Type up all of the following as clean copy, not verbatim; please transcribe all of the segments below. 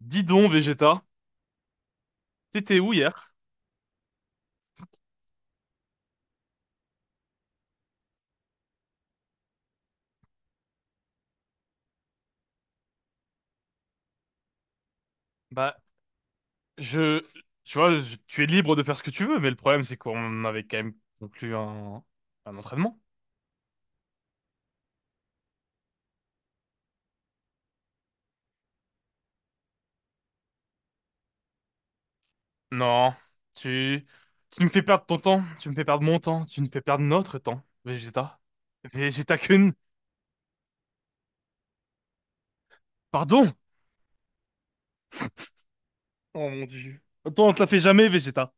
Dis donc, Vegeta, t'étais où hier? Bah, je, tu vois, tu es libre de faire ce que tu veux, mais le problème, c'est qu'on avait quand même conclu un entraînement. Non, tu, tu me fais perdre ton temps, tu me fais perdre mon temps, tu me fais perdre notre temps, Vegeta. Vegeta Kun, pardon? Oh mon Dieu. Attends, on te l'a fait jamais, Vegeta.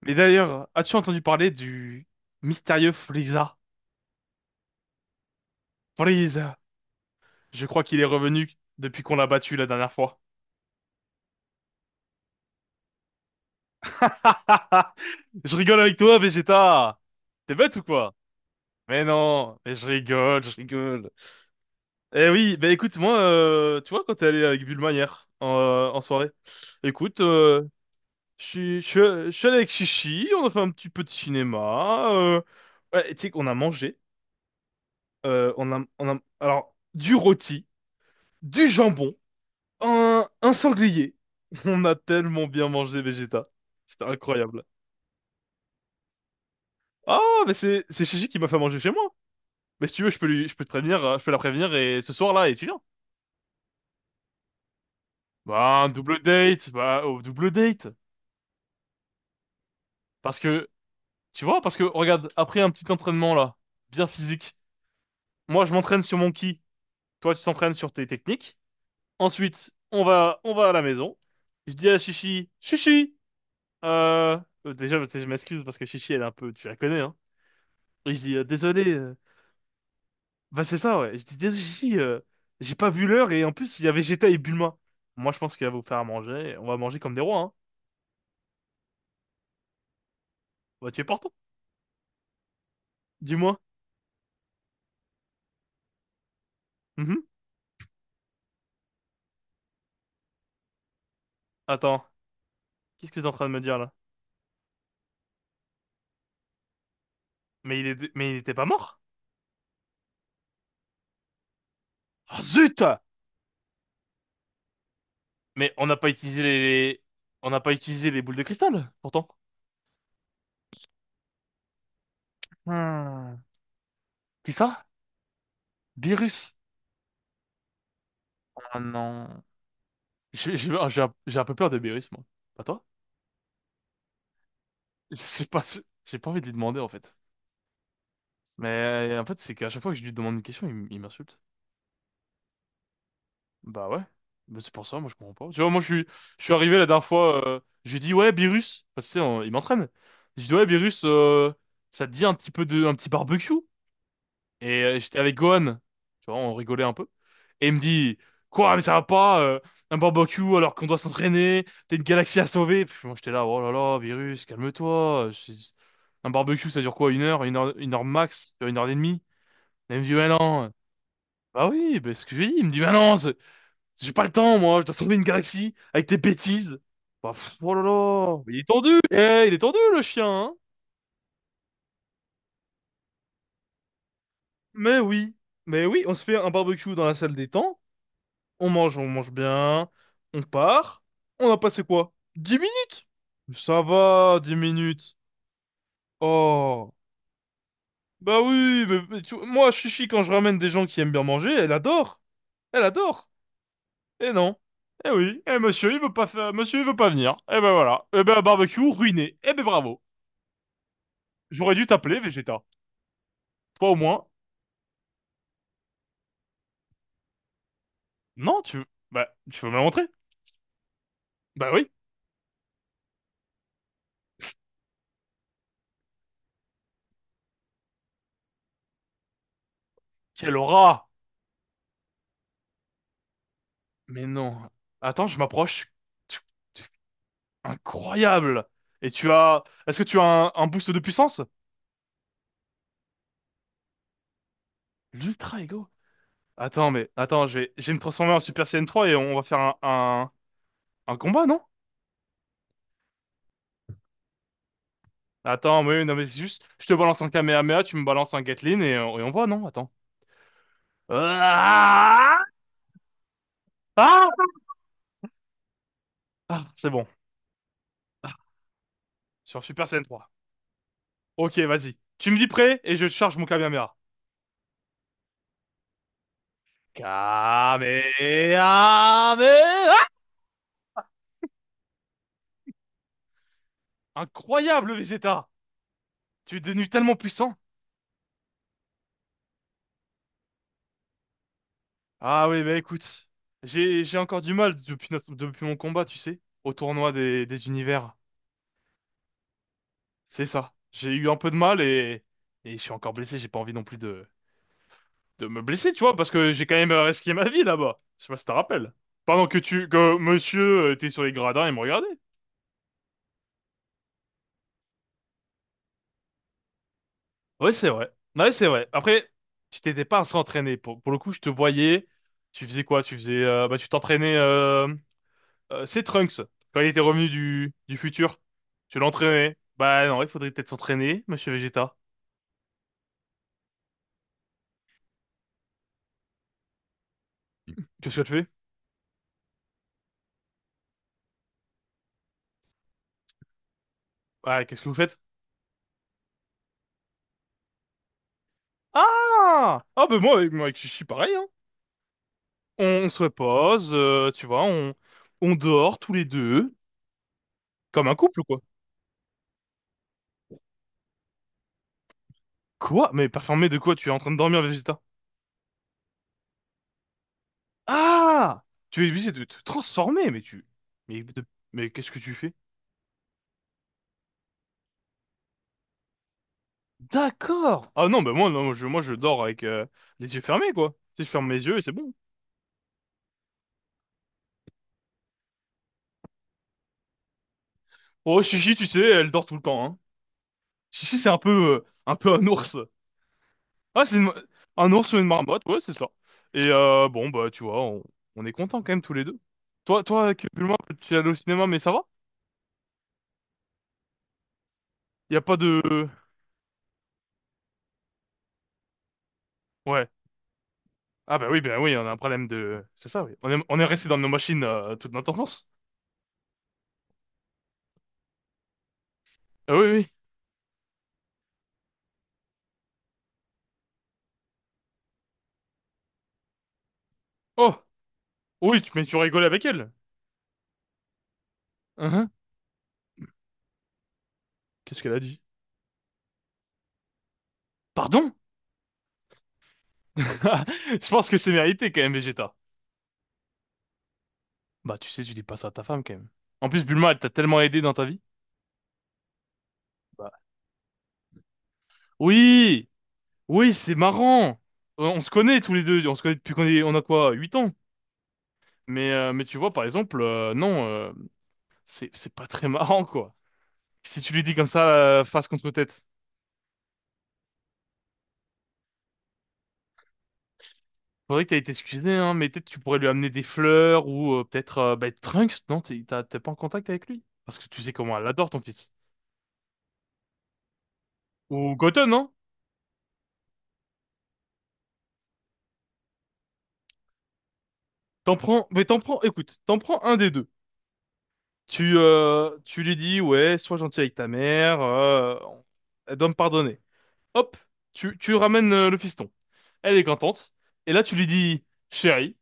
Mais d'ailleurs, as-tu entendu parler du mystérieux Frieza? Frieza, je crois qu'il est revenu depuis qu'on l'a battu la dernière fois. Je rigole avec toi, Vegeta. T'es bête ou quoi? Mais non, mais je rigole, je rigole. Eh oui, bah écoute, moi, tu vois, quand t'es allé avec Bulma hier, en soirée, écoute, je suis je suis- je suis allé avec Chichi, on a fait un petit peu de cinéma, ouais, tu sais qu'on a mangé, on a, alors, du rôti, du jambon, un sanglier. On a tellement bien mangé, Vegeta. C'était incroyable. Ah, mais c'est Chichi qui m'a fait manger chez moi. Mais si tu veux, je peux lui, je peux te prévenir, je peux la prévenir et ce soir-là, et tu viens. Bah, un double date, bah, au double date. Parce que, tu vois, parce que, regarde, après un petit entraînement là, bien physique, moi je m'entraîne sur mon ki, toi tu t'entraînes sur tes techniques. Ensuite, on va à la maison. Je dis à Chichi, Chichi, euh, déjà, tu sais, je m'excuse parce que Chichi, elle est un peu, tu la connais, hein. Et je dis, désolé, bah c'est ça, ouais. Je dis, désolé, Chichi, j'ai pas vu l'heure et en plus, il y avait Geta et Bulma. Moi, je pense qu'il va vous faire à manger, on va manger comme des rois, hein. Bah, tu es portant. Dis-moi. Mhm. Attends, qu'est-ce que t'es en train de me dire là? Mais il est, mais il était pas mort? Ah zut! Mais on n'a pas utilisé les, on n'a pas utilisé les boules de cristal, pourtant. Hmm. C'est ça? Beerus. Ah non. J'ai un peu peur de Beerus, moi. Pas toi? C'est pas, si- j'ai pas envie de lui demander en fait. Mais en fait, c'est qu'à chaque fois que je lui demande une question, il m'insulte. Bah ouais, bah, c'est pour ça, moi je comprends pas. Tu vois, moi je suis arrivé la dernière fois, j'ai dit ouais, Beerus, parce que tu sais, il m'entraîne. J'ai dit ouais, Beerus, ça te dit un petit peu de, un petit barbecue? Et j'étais avec Gohan, tu vois, on rigolait un peu. Et il me dit, quoi, mais ça va pas, un barbecue alors qu'on doit s'entraîner, t'es une galaxie à sauver. Puis moi j'étais là, oh là là, Beerus, calme-toi. Un barbecue ça dure quoi, une heure, une heure, une heure max, tu vois, une heure et demie? Et il me dit, ouais, non. Bah oui, bah, c'est ce que je lui ai dit. Il me dit, bah non, j'ai pas le temps, moi, je dois sauver une galaxie avec tes bêtises. Bah, pff, oh là là, mais il est tendu, eh, il est tendu le chien, hein. Mais oui, mais oui, on se fait un barbecue dans la salle des temps, on mange bien, on part, on a passé quoi? 10 minutes? Ça va, 10 minutes. Oh, bah oui, moi, Chichi, quand je ramène des gens qui aiment bien manger, elle adore, elle adore. Eh non. Eh oui, eh monsieur, il veut pas faire, monsieur, il veut pas venir. Eh ben voilà, eh ben barbecue ruiné. Eh ben bravo. J'aurais dû t'appeler, Vegeta. Toi au moins. Non, tu veux... Bah, tu veux me la montrer? Bah oui. Quelle aura! Mais non. Attends, je m'approche. Tu- tu- Incroyable! Est-ce que tu as un boost de puissance? L'Ultra Ego? Attends, Attends, je vais me transformer en Super Saiyan 3 et on va faire un combat, non? Attends, oui, non, mais c'est juste... Je te balance un Kamehameha, tu me balances un Gatlin et on voit, non? Attends. Ah! Ah! Ah, c'est bon. Ah, sur Super Saiyan 3. Ok, vas-y. Tu me dis prêt et je charge mon Kamehameha. Kamehameha! Incroyable, Vegeta! Tu es devenu tellement puissant. Ah oui, bah écoute, j'ai encore du mal depuis depuis mon combat, tu sais, au tournoi des univers. C'est ça. J'ai eu un peu de mal et je suis encore blessé. J'ai pas envie non plus de me blesser, tu vois, parce que j'ai quand même risqué ma vie là-bas. Je sais pas si t'en rappelles. Pendant que tu que monsieur était sur les gradins et me regardait. Ouais, c'est vrai. Ouais, c'est vrai. Après, tu t'étais pas à s'entraîner. Pour le coup, je te voyais. Tu faisais quoi? Tu faisais, bah, tu t'entraînais, c'est Trunks. Quand il était revenu du futur, tu l'entraînais. Bah, non, il faudrait peut-être s'entraîner, monsieur Vegeta. Qu'est-ce que tu fais? Ah, qu'est-ce que vous faites? Ah! Ah, ben moi, avec Chichi, pareil, hein. On se repose, tu vois, on dort tous les deux. Comme un couple, quoi. Quoi? Mais performer de quoi? Tu es en train de dormir, Vegeta? Ah! Tu es obligé de te transformer, mais tu... Mais, de- mais qu'est-ce que tu fais? D'accord! Ah non, bah moi, non, moi je dors avec les yeux fermés, quoi. Tu sais, je ferme mes yeux et c'est bon. Oh, Chichi, tu sais, elle dort tout le temps, hein. Chichi, c'est un peu un ours. Ah, un ours ou une marmotte, ouais, c'est ça. Et bon, bah, tu vois, on est contents quand même tous les deux. Toi, Kepulma, tu es allé au cinéma, mais ça va? Y a pas de... Ouais. Ah bah oui, on a un problème de... C'est ça, oui. On est resté dans nos machines toute notre enfance. Ah oui, oui, oh, oui, mais tu rigoles avec elle. Hein? Qu'est-ce qu'elle a dit? Pardon? Je pense que c'est mérité quand même, Vegeta. Bah, tu sais, tu dis pas ça à ta femme quand même. En plus, Bulma, elle t'a tellement aidé dans ta vie. Bah. Oui, oui, c'est marrant. On se connaît tous les deux, on se connaît depuis qu'on est, on a quoi, 8 ans. Mais tu vois, par exemple, non, c'est pas très marrant, quoi. Si tu lui dis comme ça, face contre tête. Faudrait que t'aies été excusé, hein, mais peut-être tu pourrais lui amener des fleurs ou peut-être bah, Trunks, non? T'es pas en contact avec lui? Parce que tu sais comment elle adore ton fils. Ou Goten, hein. T'en prends, mais t'en prends, écoute, t'en prends un des deux. Tu lui dis, ouais, sois gentil avec ta mère, elle doit me pardonner. Hop, tu ramènes le fiston. Elle est contente. Et là, tu lui dis, chérie,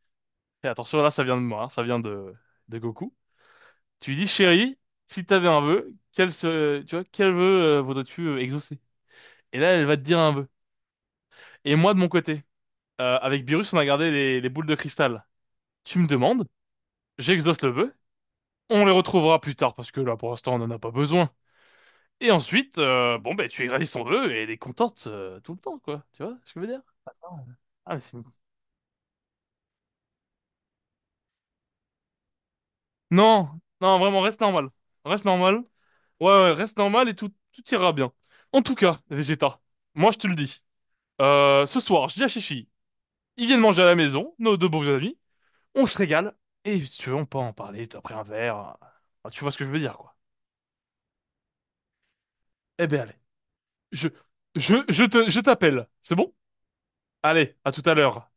et attention, là, ça vient de moi, hein, ça vient de Goku. Tu lui dis, chérie, si t'avais un vœu, tu vois, quel vœu voudrais-tu exaucer? Et là, elle va te dire un vœu. Et moi, de mon côté, avec Beerus, on a gardé les boules de cristal. Tu me demandes, j'exauce le vœu, on les retrouvera plus tard parce que là, pour l'instant, on n'en a pas besoin. Et ensuite, bon, ben, tu égratignes son vœu et elle est contente tout le temps, quoi. Tu vois ce que je veux dire? Attends. Ah, mais non, non, vraiment, reste normal. Reste normal. Ouais, ouais, reste normal et tout ira bien. En tout cas, Vegeta, moi, je te le dis. Ce soir, je dis à Chichi, ils viennent manger à la maison, nos deux beaux amis. On se régale, et si tu veux, on peut en parler après un verre. Enfin, tu vois ce que je veux dire, quoi. Eh ben, allez. Je, je t'appelle. C'est bon? Allez, à tout à l'heure.